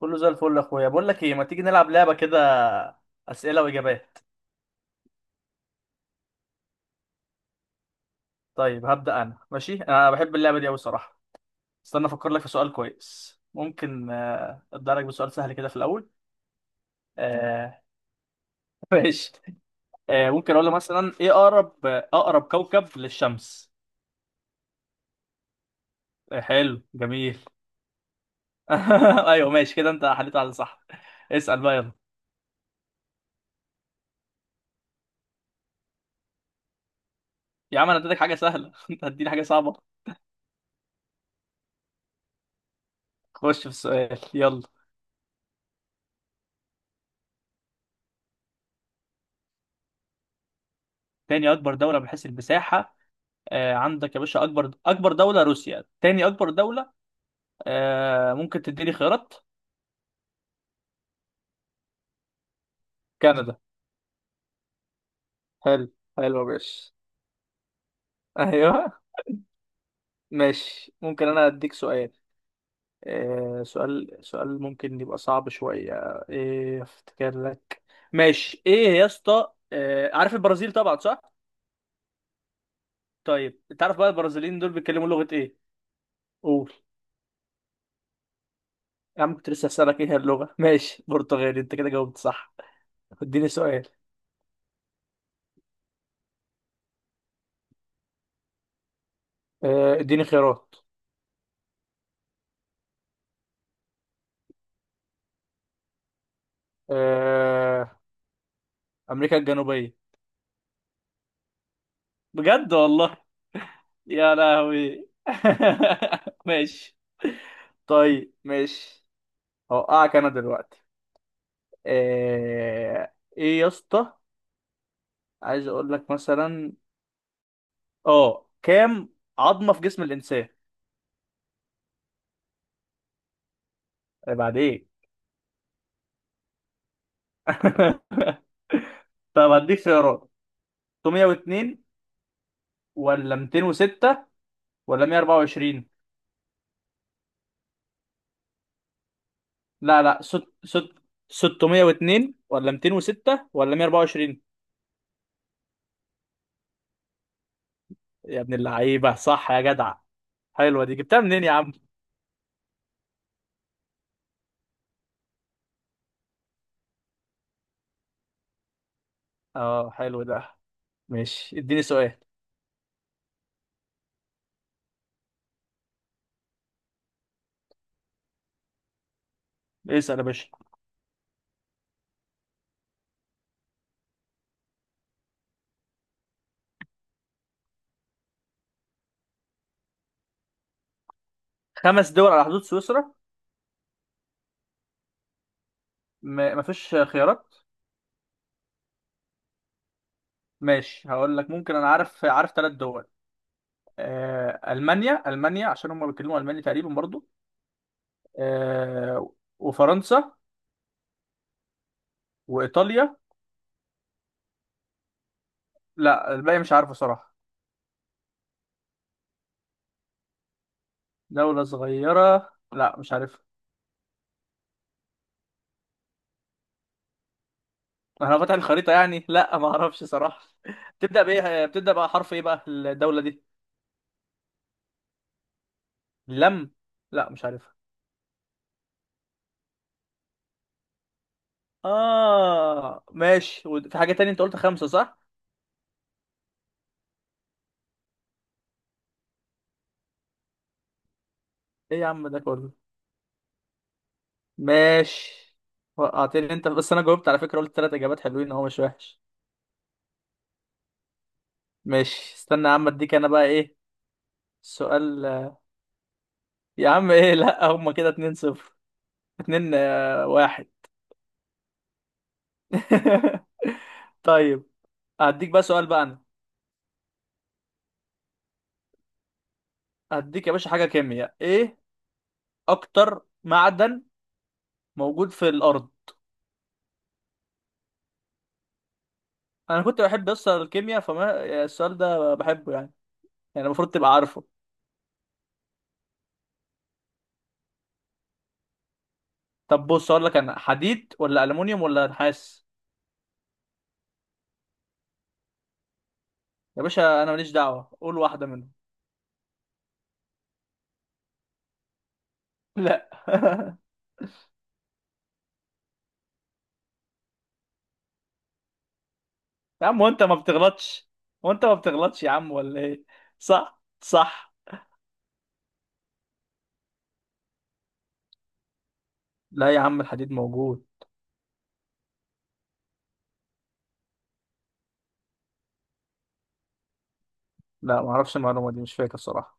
كله زي الفل يا اخويا. بقول لك ايه، ما تيجي نلعب لعبه كده، اسئله واجابات؟ طيب هبدا انا. ماشي، انا بحب اللعبه دي قوي صراحه. استنى افكر لك في سؤال كويس. ممكن ابدا لك بسؤال سهل كده في الاول. آه، ماشي. ممكن اقول لك مثلا، ايه اقرب كوكب للشمس؟ حلو جميل. ايوه ماشي كده، انت حليت على صح. اسال بقى يلا. يا عم، انا اديتك حاجه سهله انت هتديني حاجه صعبه؟ خش في السؤال يلا. تاني اكبر دوله من حيث المساحه. عندك يا باشا، اكبر دوله روسيا، تاني اكبر دوله. ممكن تديني خيارات؟ كندا. حلو، حلو يا باشا. ايوه ماشي. ممكن انا اديك سؤال؟ سؤال ممكن يبقى صعب شوية. ايه افتكر لك. ماشي، ايه يا اسطى، عارف البرازيل طبعا صح؟ طيب تعرف بقى البرازيليين دول بيتكلموا لغة ايه؟ قول. يا عم كنت لسه هسألك ايه هي اللغة ماشي، برتغالي، انت كده جاوبت صح. اديني سؤال. اديني خيارات. آه، امريكا الجنوبيه. بجد والله. يا لهوي ماشي. طيب ماشي. هوقعك انا دلوقتي. ايه ايه يا اسطى؟ عايز اقول لك مثلا. اه كام عظمه في جسم الانسان؟ إيه بعد ايه؟ طب هديك خيارات. 602 ولا 206 ولا 124؟ لا لا، ست ست، 602 ولا 206 ولا 124؟ يا ابن اللعيبه صح يا جدع. حلوة دي، جبتها منين يا عم؟ اه حلو ده. ماشي اديني سؤال. اسأل يا باشا. خمس دول على حدود سويسرا. مفيش خيارات؟ ماشي هقول لك، ممكن انا عارف ثلاث دول. المانيا عشان هم بيتكلموا الماني تقريبا برضو. آه... وفرنسا. وايطاليا. لا الباقي مش عارفه صراحة. دولة صغيرة، لا مش عارفها. انا فاتح الخريطة يعني، لا ما اعرفش صراحة بتبدأ بقى حرف ايه بقى الدولة دي؟ لم. لا مش عارف. اه ماشي، وفي حاجة تانية، انت قلت خمسة صح؟ ايه يا عم ده كله. ماشي. وقعتني انت، بس انا جاوبت على فكرة، قلت تلات اجابات حلوين اهو، مش وحش. ماشي استنى يا عم، اديك انا بقى ايه. سؤال. يا عم ايه لا، هما كده اتنين صفر. اتنين واحد. طيب. هديك بقى سؤال بقى انا. هديك يا باشا حاجة كيمياء، ايه اكتر معدن موجود في الارض؟ انا كنت بحب اصلا الكيمياء، فما السؤال ده بحبه يعني. يعني المفروض تبقى عارفه. طب بص، اقول لك انا، حديد ولا الومنيوم ولا نحاس؟ يا باشا انا ماليش دعوه، قول واحده منهم. لا. يا عم، وانت ما بتغلطش؟ وانت ما بتغلطش يا عم، ولا ايه؟ صح صح. لا يا عم الحديد موجود. لا ما اعرفش المعلومه دي، مش فاكر صراحه.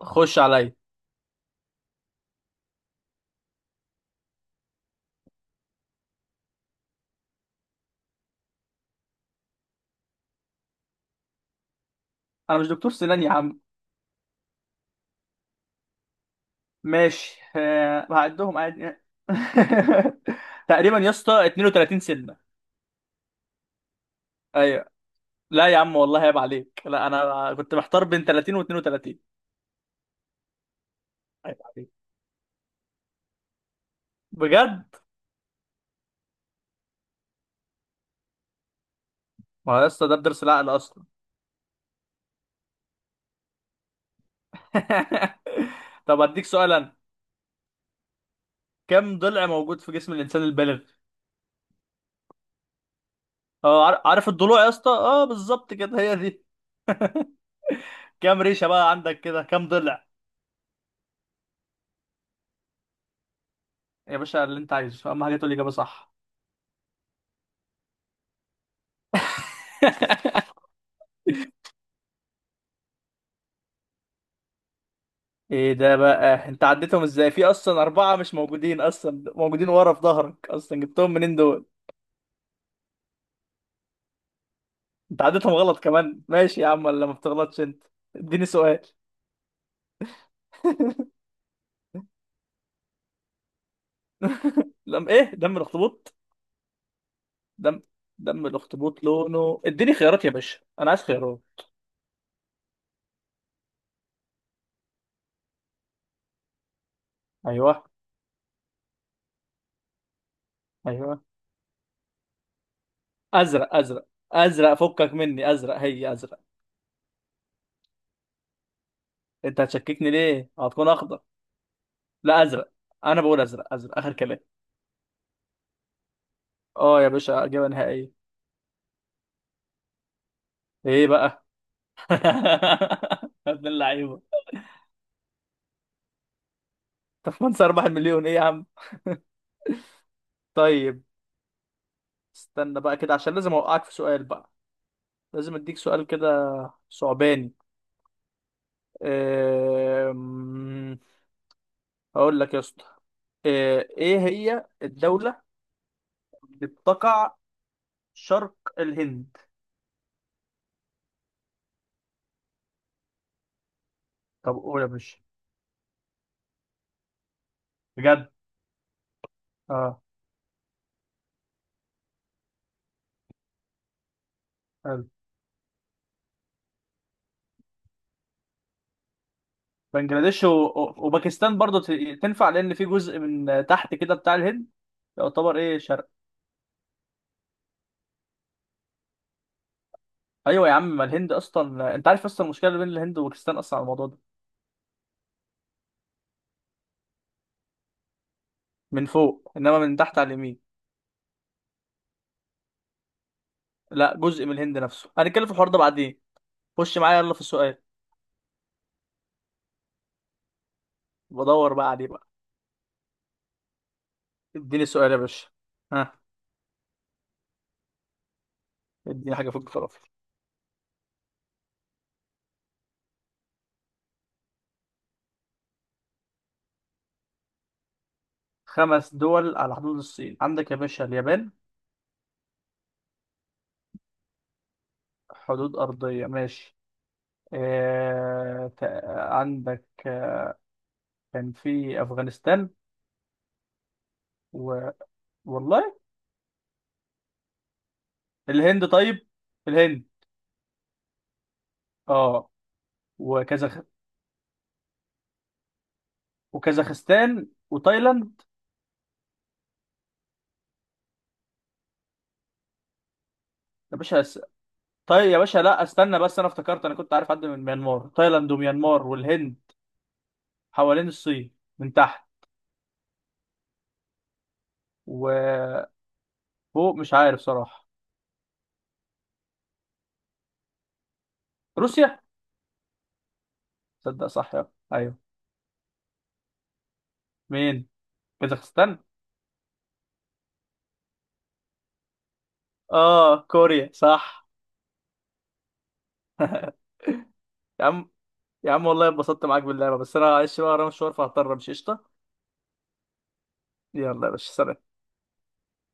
خش عليا. انا مش دكتور سنان يا عم. ماشي، هعدهم عادي. تقريبا يا اسطى 32 سنه. ايوه. لا يا عم والله عيب عليك، لا انا كنت محتار بين 30 و 32. عيب عليك، بجد. ما هو يا اسطى ده بدرس العقل اصلا. طب اديك سؤال انا. كم ضلع موجود في جسم الانسان البالغ؟ اه عارف الضلوع يا اسطى، اه بالظبط كده هي دي. كم ريشه بقى عندك كده، كم ضلع؟ يا باشا اللي انت عايزه اهم حاجه تقول الاجابه صح. ايه ده بقى، انت عديتهم ازاي، في اصلا اربعه مش موجودين، اصلا موجودين ورا في ظهرك، اصلا جبتهم منين دول؟ انت عديتهم غلط كمان، ماشي يا عم ولا ما بتغلطش انت. اديني سؤال. لم ايه دم الاخطبوط؟ دم دم الاخطبوط لونه، اديني خيارات يا باشا، انا عايز خيارات. ايوه. ايوه. ازرق ازرق. ازرق فكك مني، ازرق هي ازرق. انت هتشككني ليه؟ هتكون اخضر؟ لا ازرق. انا بقول ازرق، ازرق اخر كلام. اه يا باشا اجابه نهائيه. ايه بقى؟ يا ابن اللعيبه. طب وانت اربح المليون ايه يا عم. طيب. استنى بقى كده عشان لازم اوقعك في سؤال بقى. لازم اديك سؤال كده. صعباني. أم، هقول لك يا اسطى. ايه هي الدولة بتقع شرق الهند؟ طب قول يا باشا. بجد. اه حلو. بنجلاديش وباكستان برضو تنفع، لان في جزء من تحت كده بتاع الهند يعتبر ايه شرق. ايوه يا عم، ما الهند اصلا، انت عارف اصلا المشكله اللي بين الهند وباكستان اصلا على الموضوع ده. من فوق، انما من تحت على اليمين. لا جزء من الهند نفسه، هنتكلم في الحوار ده بعدين. خش معايا يلا في السؤال. بدور بقى عليه بقى. اديني سؤال يا باشا. ها. اديني حاجه فوق الفلافل. خمس دول على حدود الصين، عندك يا باشا اليابان. حدود ارضيه ماشي. عندك كان في أفغانستان. و... والله. الهند طيب. الهند. اه. وكازاخ وكازاخستان وتايلاند. يا باشا طيب يا باشا، لا استنى، بس انا افتكرت، انا كنت عارف حد من ميانمار، تايلاند وميانمار والهند. حوالين الصين من تحت. وفوق. مش عارف صراحة. روسيا. تصدق صح يا ايوه. مين؟ كازاخستان؟ اه كوريا صح. يا عم. يا عم والله اتبسطت معاك باللعبة، بس انا معلش بقى ورايا مشوار، فهضطر امشي. قشطة. يلا يا باشا، سلام.